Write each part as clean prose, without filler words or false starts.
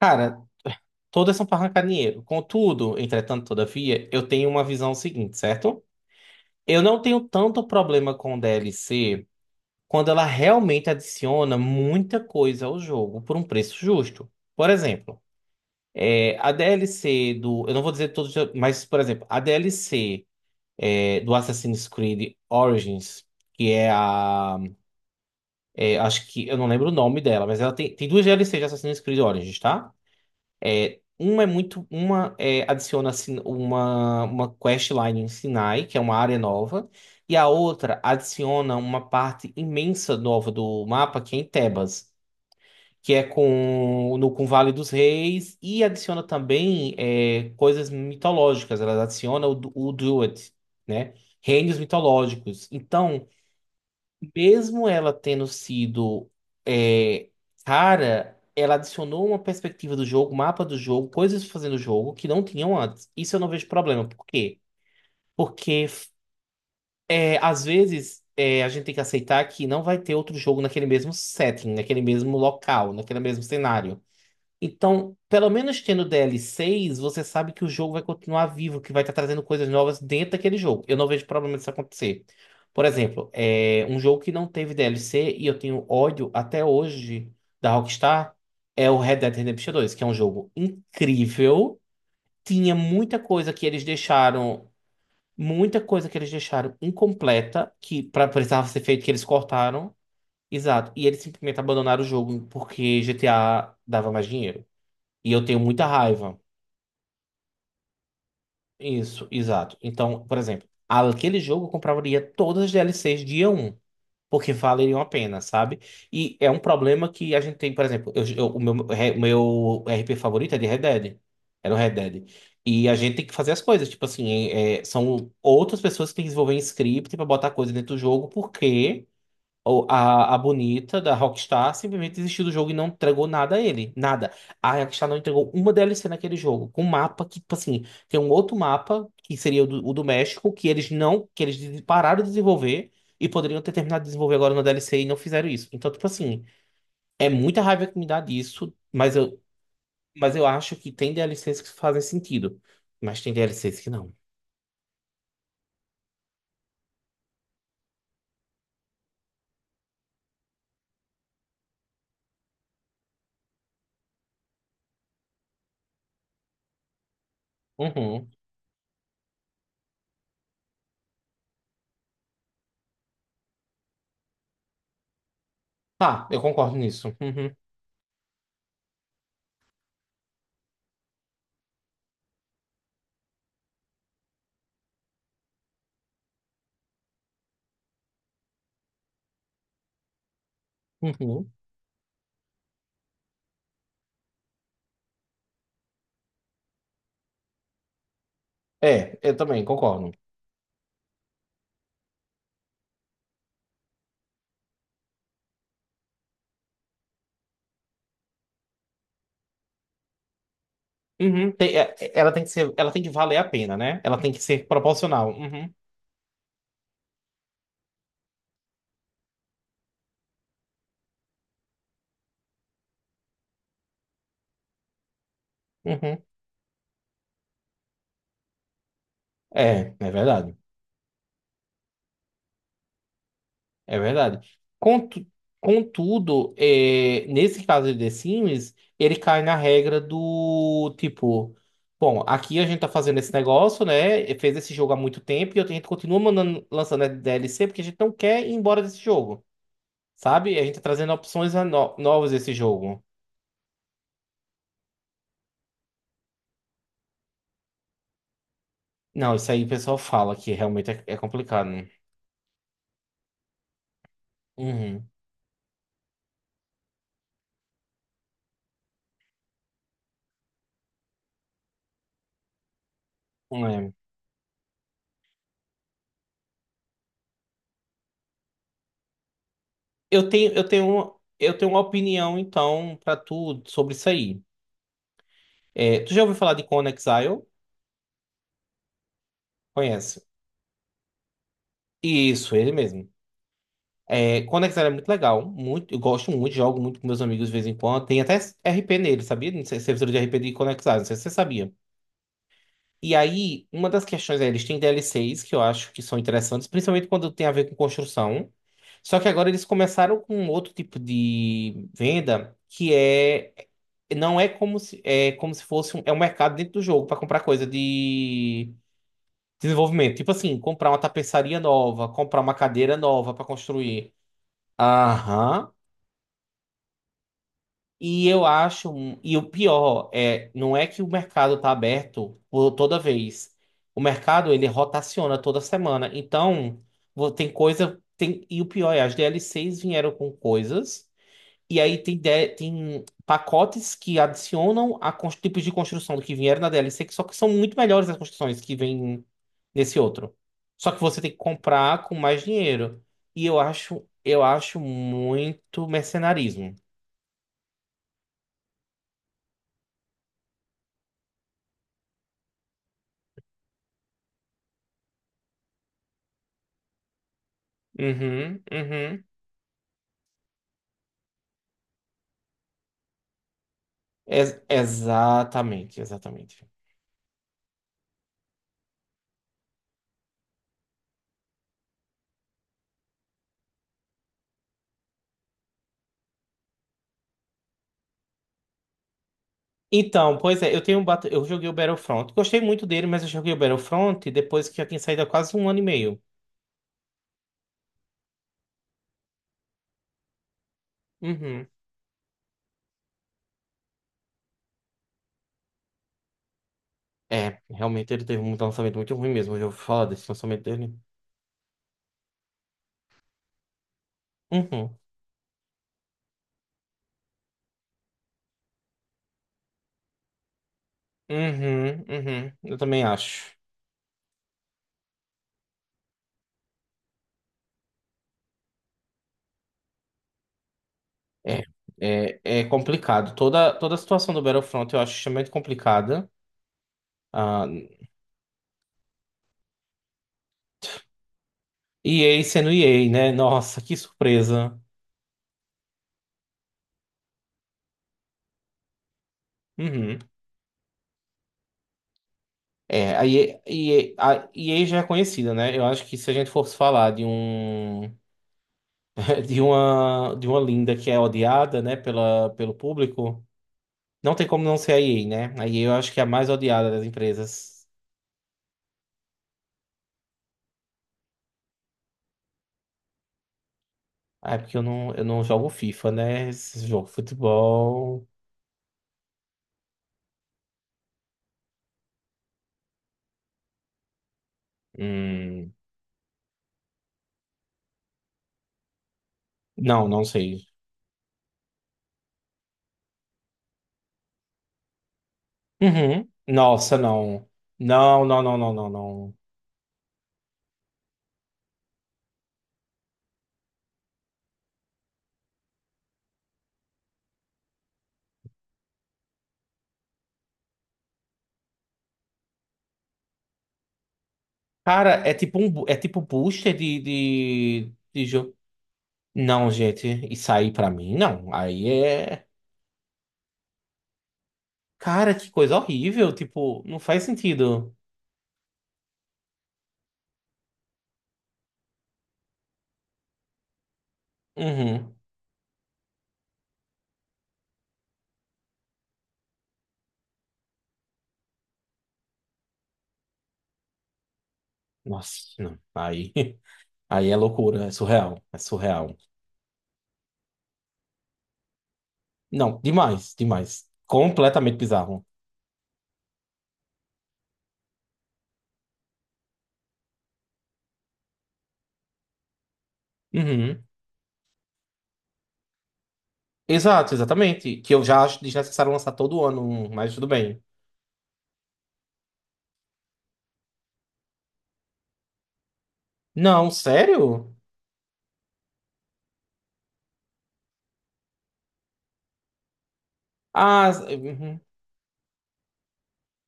Cara, todas são parrancarinheiro. Contudo, entretanto, todavia, eu tenho uma visão seguinte, certo? Eu não tenho tanto problema com DLC quando ela realmente adiciona muita coisa ao jogo por um preço justo. Por exemplo, a DLC do. Eu não vou dizer todos, mas, por exemplo, a DLC do Assassin's Creed Origins, que é a. Acho que. Eu não lembro o nome dela, mas ela tem duas DLC de Assassin's Creed Origins, tá? Uma é muito. Adiciona uma questline em Sinai, que é uma área nova, e a outra adiciona uma parte imensa nova do mapa, que é em Tebas, que é com, no, com o Vale dos Reis, e adiciona também coisas mitológicas. Ela adiciona o Duat, né? Reinos mitológicos. Então, mesmo ela tendo sido é, cara, ela adicionou uma perspectiva do jogo, mapa do jogo, coisas fazendo o jogo que não tinham antes. Isso eu não vejo problema. Por quê? Porque às vezes a gente tem que aceitar que não vai ter outro jogo naquele mesmo setting, naquele mesmo local, naquele mesmo cenário. Então, pelo menos tendo DL6, você sabe que o jogo vai continuar vivo, que vai estar trazendo coisas novas dentro daquele jogo. Eu não vejo problema disso acontecer. Por exemplo, é um jogo que não teve DLC e eu tenho ódio até hoje da Rockstar, é o Red Dead Redemption 2, que é um jogo incrível. Tinha muita coisa que eles deixaram, muita coisa que eles deixaram incompleta, que precisava ser feito, que eles cortaram. Exato. E eles simplesmente abandonaram o jogo porque GTA dava mais dinheiro. E eu tenho muita raiva. Isso, exato. Então, por exemplo, aquele jogo eu compraria todas as DLCs dia um porque valeriam a pena, sabe? E é um problema que a gente tem. Por exemplo, o meu RP favorito é de Red Dead. Era o Red Dead. E a gente tem que fazer as coisas, tipo assim, são outras pessoas que têm que desenvolver um script pra botar coisa dentro do jogo, porque ou A, a bonita da Rockstar simplesmente desistiu do jogo e não entregou nada a ele. Nada. A Rockstar não entregou uma DLC naquele jogo. Com um mapa que, tipo assim, tem um outro mapa, que seria o do México, que eles não. Que eles pararam de desenvolver e poderiam ter terminado de desenvolver agora na DLC e não fizeram isso. Então, tipo assim, é muita raiva que me dá disso, mas eu acho que tem DLCs que fazem sentido. Mas tem DLCs que não. Uhum. Tá, eu concordo nisso. Uhum. Uhum. É, eu também concordo. Uhum, ela tem que valer a pena, né? Ela tem que ser proporcional. Uhum, uhum. É, é verdade. É verdade. Contu- Contudo, nesse caso de The Sims, ele cai na regra do tipo, bom, aqui a gente tá fazendo esse negócio, né? E fez esse jogo há muito tempo e a gente continua mandando, lançando DLC porque a gente não quer ir embora desse jogo, sabe? A gente tá trazendo opções a no- novas desse jogo. Não, isso aí o pessoal fala que realmente é complicado. Né? Uhum. Eu tenho uma opinião, então, pra tu sobre isso aí. É, tu já ouviu falar de Conan Exile? Conhece? Isso, ele mesmo. É, Conan Exile é muito legal. Muito, eu gosto muito, jogo muito com meus amigos de vez em quando. Tem até RP nele, sabia? Não sei, servidor de RP de Conan Exile, não sei se você sabia. E aí, uma das questões é, eles têm DLCs que eu acho que são interessantes, principalmente quando tem a ver com construção. Só que agora eles começaram com um outro tipo de venda que não é como se fosse um mercado dentro do jogo para comprar coisa de desenvolvimento. Tipo assim, comprar uma tapeçaria nova, comprar uma cadeira nova para construir. Aham. E eu acho, e o pior é, não é que o mercado está aberto por toda vez. O mercado ele rotaciona toda semana. Então, tem coisa, tem, e o pior é, as DLCs vieram com coisas, e aí tem pacotes que adicionam tipos de construção do que vieram na DLC, que só que são muito melhores as construções que vêm nesse outro. Só que você tem que comprar com mais dinheiro. E eu acho muito mercenarismo. Uhum, uhum. Exatamente, exatamente. Então, pois é, eu joguei o Battlefront. Gostei muito dele, mas eu joguei o Battlefront depois que já tinha saído há quase um ano e meio. Uhum. É, realmente ele teve um lançamento muito ruim mesmo. Eu já ouvi falar desse lançamento dele. Uhum. Uhum, uhum. Eu também acho. É, é complicado. Toda a situação do Battlefront eu acho extremamente complicada. Ah, EA sendo EA, né? Nossa, que surpresa. Uhum. É, a e a a e EA já é conhecida, né? Eu acho que se a gente fosse falar de um de uma linda que é odiada, né, pela, pelo público, não tem como não ser a EA, né? A EA eu acho que é a mais odiada das empresas. Ah, é porque eu não, jogo FIFA, né? Esse jogo de futebol. Hum, não, não sei. Uhum. Nossa, não. Não, não, não, não, não, não. Cara, é tipo um booster de jogo. Não, gente, isso aí pra mim não. Aí é. Cara, que coisa horrível. Tipo, não faz sentido. Uhum. Nossa, não. Aí, aí é loucura, é surreal. É surreal. Não, demais, demais. Completamente bizarro. Uhum. Exato, exatamente. Que eu já acho desnecessário lançar todo ano, mas tudo bem. Não, sério? Ah, uhum.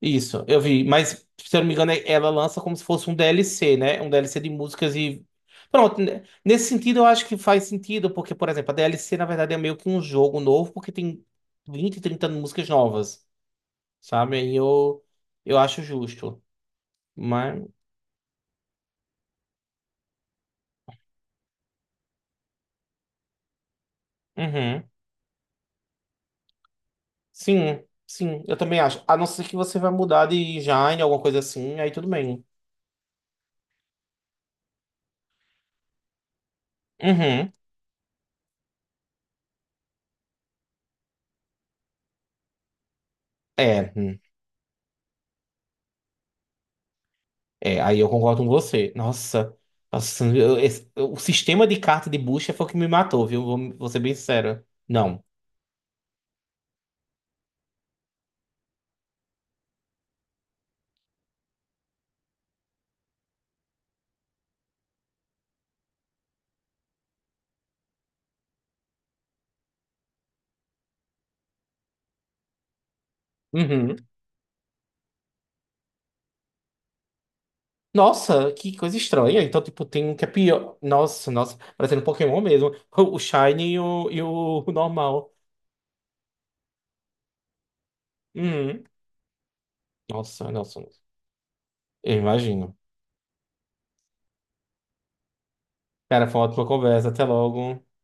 Isso, eu vi, mas se eu não me engano, ela lança como se fosse um DLC, né? Um DLC de músicas e. Pronto, né? Nesse sentido eu acho que faz sentido, porque, por exemplo, a DLC na verdade é meio que um jogo novo, porque tem 20, 30 músicas novas, sabe? Aí eu acho justo. Mas. Uhum. Sim, sim, eu também acho. A não ser que você vai mudar de genre, alguma coisa assim, aí tudo bem. Uhum. É. Hum. É, aí eu concordo com você. Nossa, nossa, o sistema de carta de bucha foi o que me matou, viu? Vou ser bem sincero. Não. Uhum. Nossa, que coisa estranha. Então, tipo, tem um que é pior. Nossa, nossa, parecendo um Pokémon mesmo. O Shiny e o normal. Uhum. Nossa, nossa, nossa. Eu imagino. Cara, foi uma ótima conversa. Até logo.